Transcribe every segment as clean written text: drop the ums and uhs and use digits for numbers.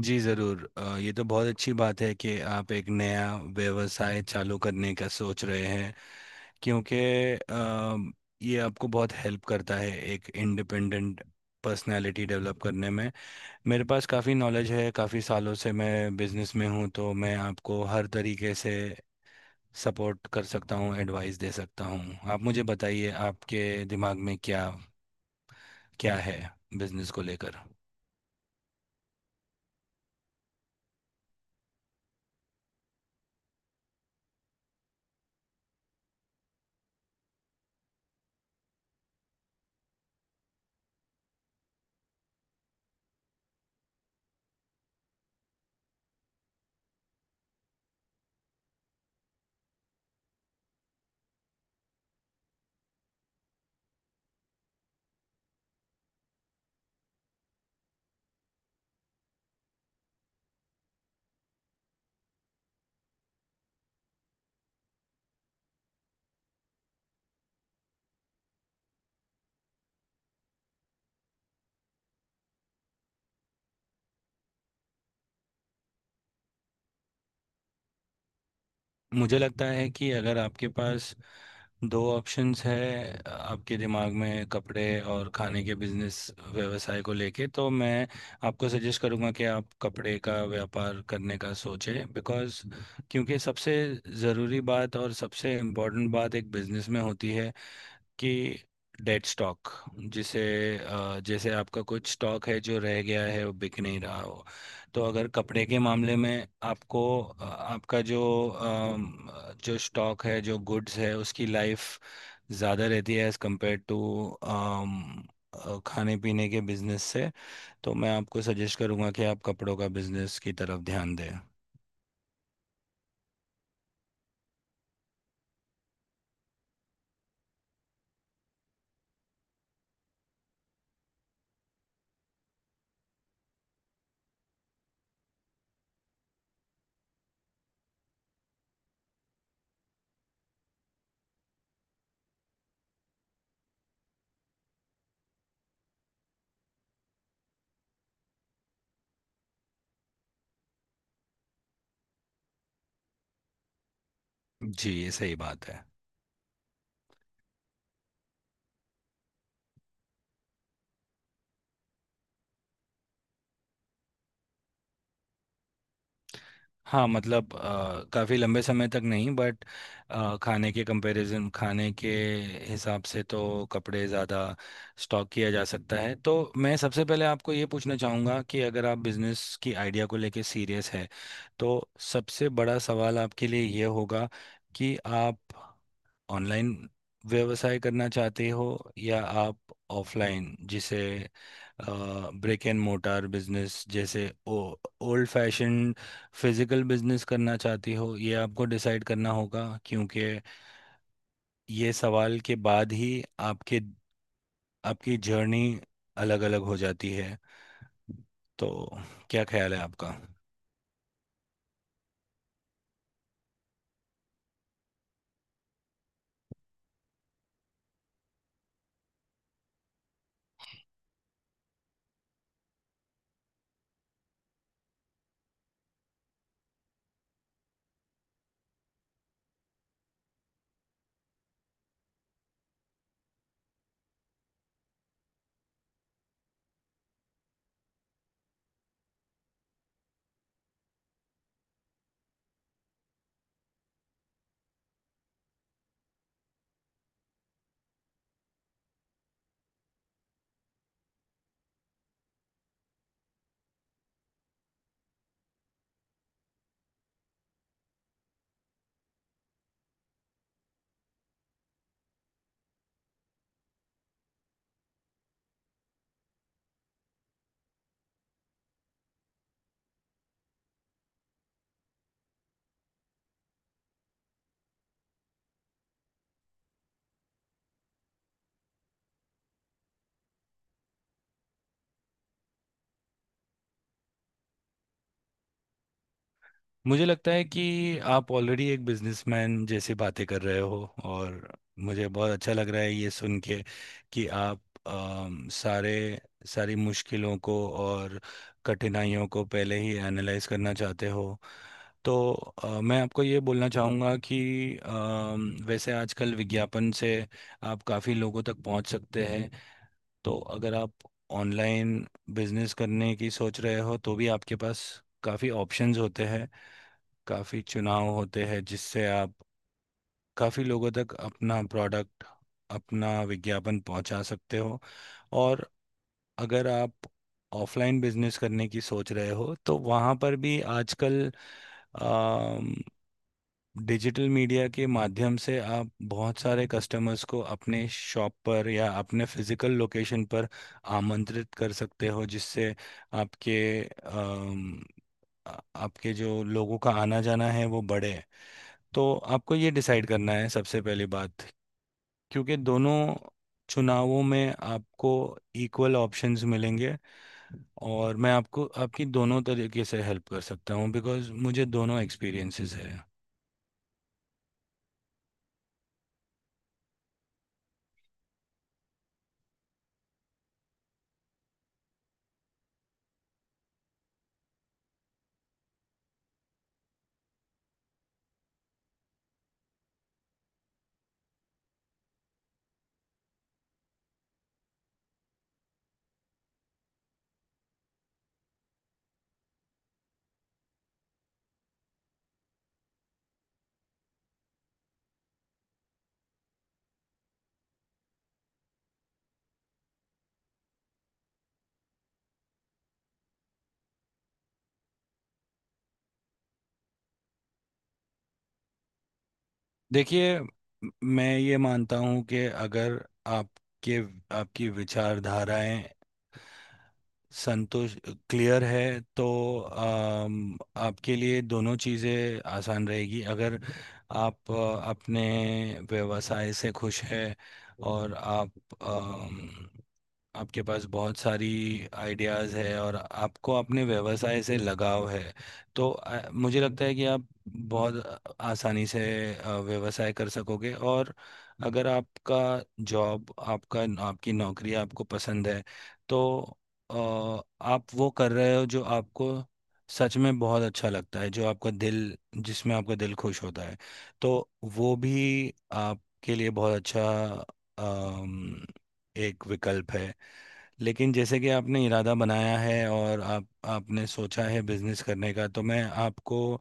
जी ज़रूर ये तो बहुत अच्छी बात है कि आप एक नया व्यवसाय चालू करने का सोच रहे हैं। क्योंकि अम, ये आपको बहुत हेल्प करता है एक इंडिपेंडेंट पर्सनालिटी डेवलप करने में। मेरे पास काफ़ी नॉलेज है, काफ़ी सालों से मैं बिजनेस में हूँ, तो मैं आपको हर तरीके से सपोर्ट कर सकता हूँ, एडवाइस दे सकता हूँ। आप मुझे बताइए आपके दिमाग में क्या क्या है बिजनेस को लेकर। मुझे लगता है कि अगर आपके पास दो ऑप्शंस है आपके दिमाग में, कपड़े और खाने के बिजनेस व्यवसाय को लेके, तो मैं आपको सजेस्ट करूंगा कि आप कपड़े का व्यापार करने का सोचें। बिकॉज क्योंकि सबसे ज़रूरी बात और सबसे इम्पोर्टेंट बात एक बिजनेस में होती है कि डेड स्टॉक, जिसे जैसे आपका कुछ स्टॉक है जो रह गया है, वो बिक नहीं रहा हो। तो अगर कपड़े के मामले में आपको आपका जो अम, जो स्टॉक है जो गुड्स है उसकी लाइफ ज़्यादा रहती है एज़ कम्पेयर टू खाने पीने के बिजनेस से। तो मैं आपको सजेस्ट करूंगा कि आप कपड़ों का बिजनेस की तरफ ध्यान दें। जी, ये सही बात है। हाँ, मतलब काफ़ी लंबे समय तक नहीं, बट खाने के कंपैरिजन, खाने के हिसाब से तो कपड़े ज़्यादा स्टॉक किया जा सकता है। तो मैं सबसे पहले आपको ये पूछना चाहूँगा कि अगर आप बिजनेस की आइडिया को लेके सीरियस है, तो सबसे बड़ा सवाल आपके लिए ये होगा कि आप ऑनलाइन व्यवसाय करना चाहते हो, या आप ऑफलाइन, जिसे ब्रिक एंड मोटार बिजनेस, जैसे o old fashion physical business करना चाहते हो। ये आपको डिसाइड करना होगा क्योंकि ये सवाल के बाद ही आपके आपकी जर्नी अलग-अलग हो जाती है। तो क्या ख्याल है आपका? मुझे लगता है कि आप ऑलरेडी एक बिजनेसमैन जैसे बातें कर रहे हो, और मुझे बहुत अच्छा लग रहा है ये सुन के कि आप अम, सारे सारी मुश्किलों को और कठिनाइयों को पहले ही एनालाइज करना चाहते हो। तो मैं आपको ये बोलना चाहूँगा कि वैसे आजकल विज्ञापन से आप काफ़ी लोगों तक पहुँच सकते हैं। तो अगर आप ऑनलाइन बिजनेस करने की सोच रहे हो, तो भी आपके पास काफ़ी ऑप्शंस होते हैं, काफ़ी चुनाव होते हैं, जिससे आप काफ़ी लोगों तक अपना प्रोडक्ट, अपना विज्ञापन पहुंचा सकते हो। और अगर आप ऑफलाइन बिजनेस करने की सोच रहे हो, तो वहाँ पर भी आजकल अम, डिजिटल मीडिया के माध्यम से आप बहुत सारे कस्टमर्स को अपने शॉप पर या अपने फिजिकल लोकेशन पर आमंत्रित कर सकते हो, जिससे आपके आपके जो लोगों का आना जाना है वो बढ़े। तो आपको ये डिसाइड करना है सबसे पहली बात, क्योंकि दोनों चुनावों में आपको इक्वल ऑप्शंस मिलेंगे, और मैं आपको आपकी दोनों तरीके से हेल्प कर सकता हूँ बिकॉज मुझे दोनों एक्सपीरियंसेस है। देखिए, मैं ये मानता हूँ कि अगर आपके आपकी विचारधाराएं, संतोष क्लियर है, तो आपके लिए दोनों चीज़ें आसान रहेगी। अगर आप अपने व्यवसाय से खुश हैं और आप अम, आपके पास बहुत सारी आइडियाज़ है और आपको अपने व्यवसाय से लगाव है, तो मुझे लगता है कि आप बहुत आसानी से व्यवसाय कर सकोगे। और अगर आपका जॉब आपका आपकी नौकरी आपको पसंद है, तो अ, आप वो कर रहे हो जो आपको सच में बहुत अच्छा लगता है, जो आपका दिल जिसमें आपका दिल खुश होता है, तो वो भी आपके लिए बहुत अच्छा अम, एक विकल्प है। लेकिन जैसे कि आपने इरादा बनाया है और आप आपने सोचा है बिजनेस करने का, तो मैं आपको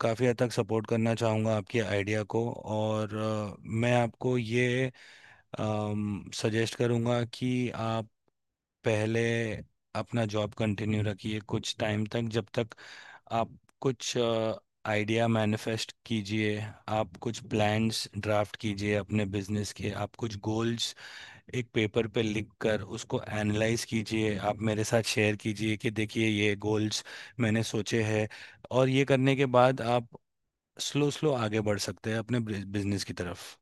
काफ़ी हद तक सपोर्ट करना चाहूँगा आपके आइडिया को। और मैं आपको ये सजेस्ट करूँगा कि आप पहले अपना जॉब कंटिन्यू रखिए कुछ टाइम तक, जब तक आप कुछ आइडिया मैनिफेस्ट कीजिए। आप कुछ प्लान्स ड्राफ्ट कीजिए अपने बिजनेस के, आप कुछ गोल्स एक पेपर पे लिख कर उसको एनालाइज कीजिए, आप मेरे साथ शेयर कीजिए कि देखिए ये गोल्स मैंने सोचे हैं। और ये करने के बाद आप स्लो स्लो आगे बढ़ सकते हैं अपने बिजनेस की तरफ।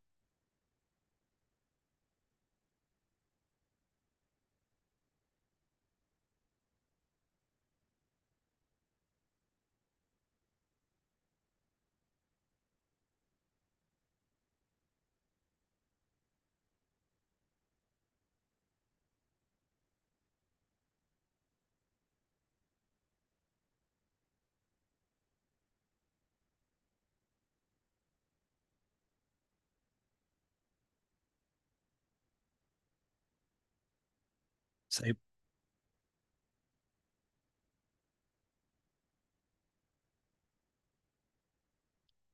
सही।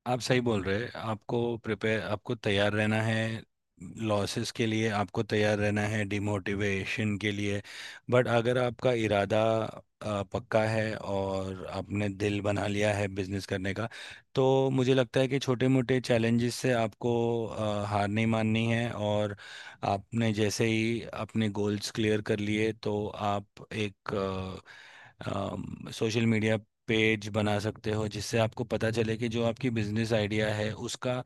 आप सही बोल रहे हैं, आपको प्रिपेयर, आपको तैयार रहना है लॉसेस के लिए, आपको तैयार रहना है डिमोटिवेशन के लिए। बट अगर आपका इरादा पक्का है और आपने दिल बना लिया है बिजनेस करने का, तो मुझे लगता है कि छोटे मोटे चैलेंजेस से आपको हार नहीं माननी है। और आपने जैसे ही अपने गोल्स क्लियर कर लिए, तो आप एक सोशल मीडिया पेज बना सकते हो, जिससे आपको पता चले कि जो आपकी बिजनेस आइडिया है उसका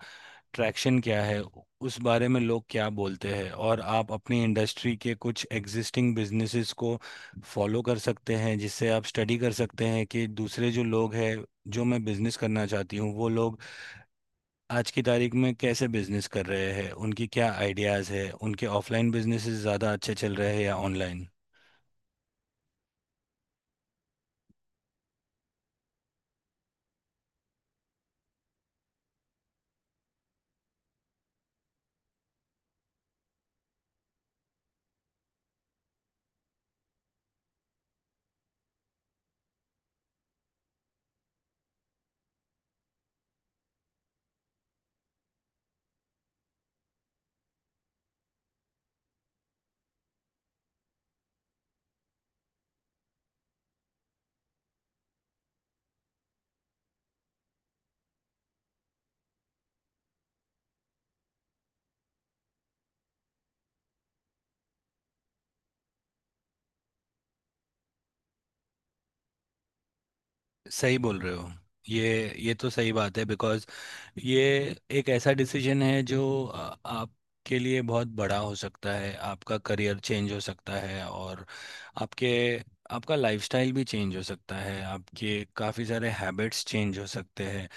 ट्रैक्शन क्या है, उस बारे में लोग क्या बोलते हैं। और आप अपनी इंडस्ट्री के कुछ एग्जिस्टिंग बिजनेसेस को फॉलो कर सकते हैं, जिससे आप स्टडी कर सकते हैं कि दूसरे जो लोग हैं, जो मैं बिजनेस करना चाहती हूँ वो लोग आज की तारीख में कैसे बिजनेस कर रहे हैं, उनकी क्या आइडियाज़ है, उनके ऑफलाइन बिजनेसेस ज़्यादा अच्छे चल रहे हैं या ऑनलाइन। सही बोल रहे हो, ये तो सही बात है। बिकॉज ये एक ऐसा डिसीजन है जो आपके लिए बहुत बड़ा हो सकता है, आपका करियर चेंज हो सकता है, और आपके आपका लाइफस्टाइल भी चेंज हो सकता है, आपके काफ़ी सारे हैबिट्स चेंज हो सकते हैं।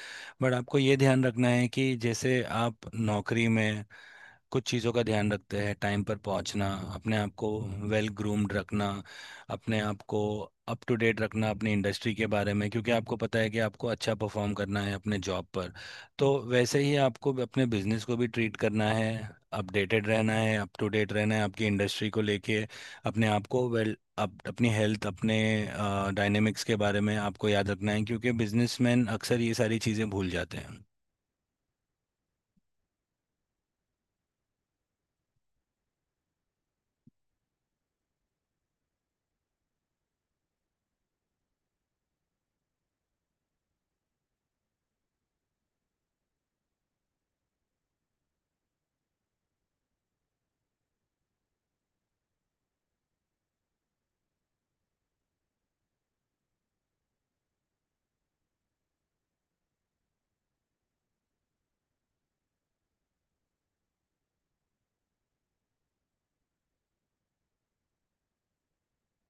बट आपको ये ध्यान रखना है कि जैसे आप नौकरी में कुछ चीज़ों का ध्यान रखते हैं, टाइम पर पहुंचना, अपने आप को वेल ग्रूम्ड रखना, अपने आप को अप टू डेट रखना अपनी इंडस्ट्री के बारे में, क्योंकि आपको पता है कि आपको अच्छा परफॉर्म करना है अपने जॉब पर, तो वैसे ही आपको भी अपने बिजनेस को भी ट्रीट करना है। अपडेटेड रहना है, अप टू डेट रहना है आपकी इंडस्ट्री को लेके, अपने आप को वेल अप, अपनी हेल्थ, अपने डायनेमिक्स के बारे में आपको याद रखना है, क्योंकि बिजनेसमैन अक्सर ये सारी चीज़ें भूल जाते हैं।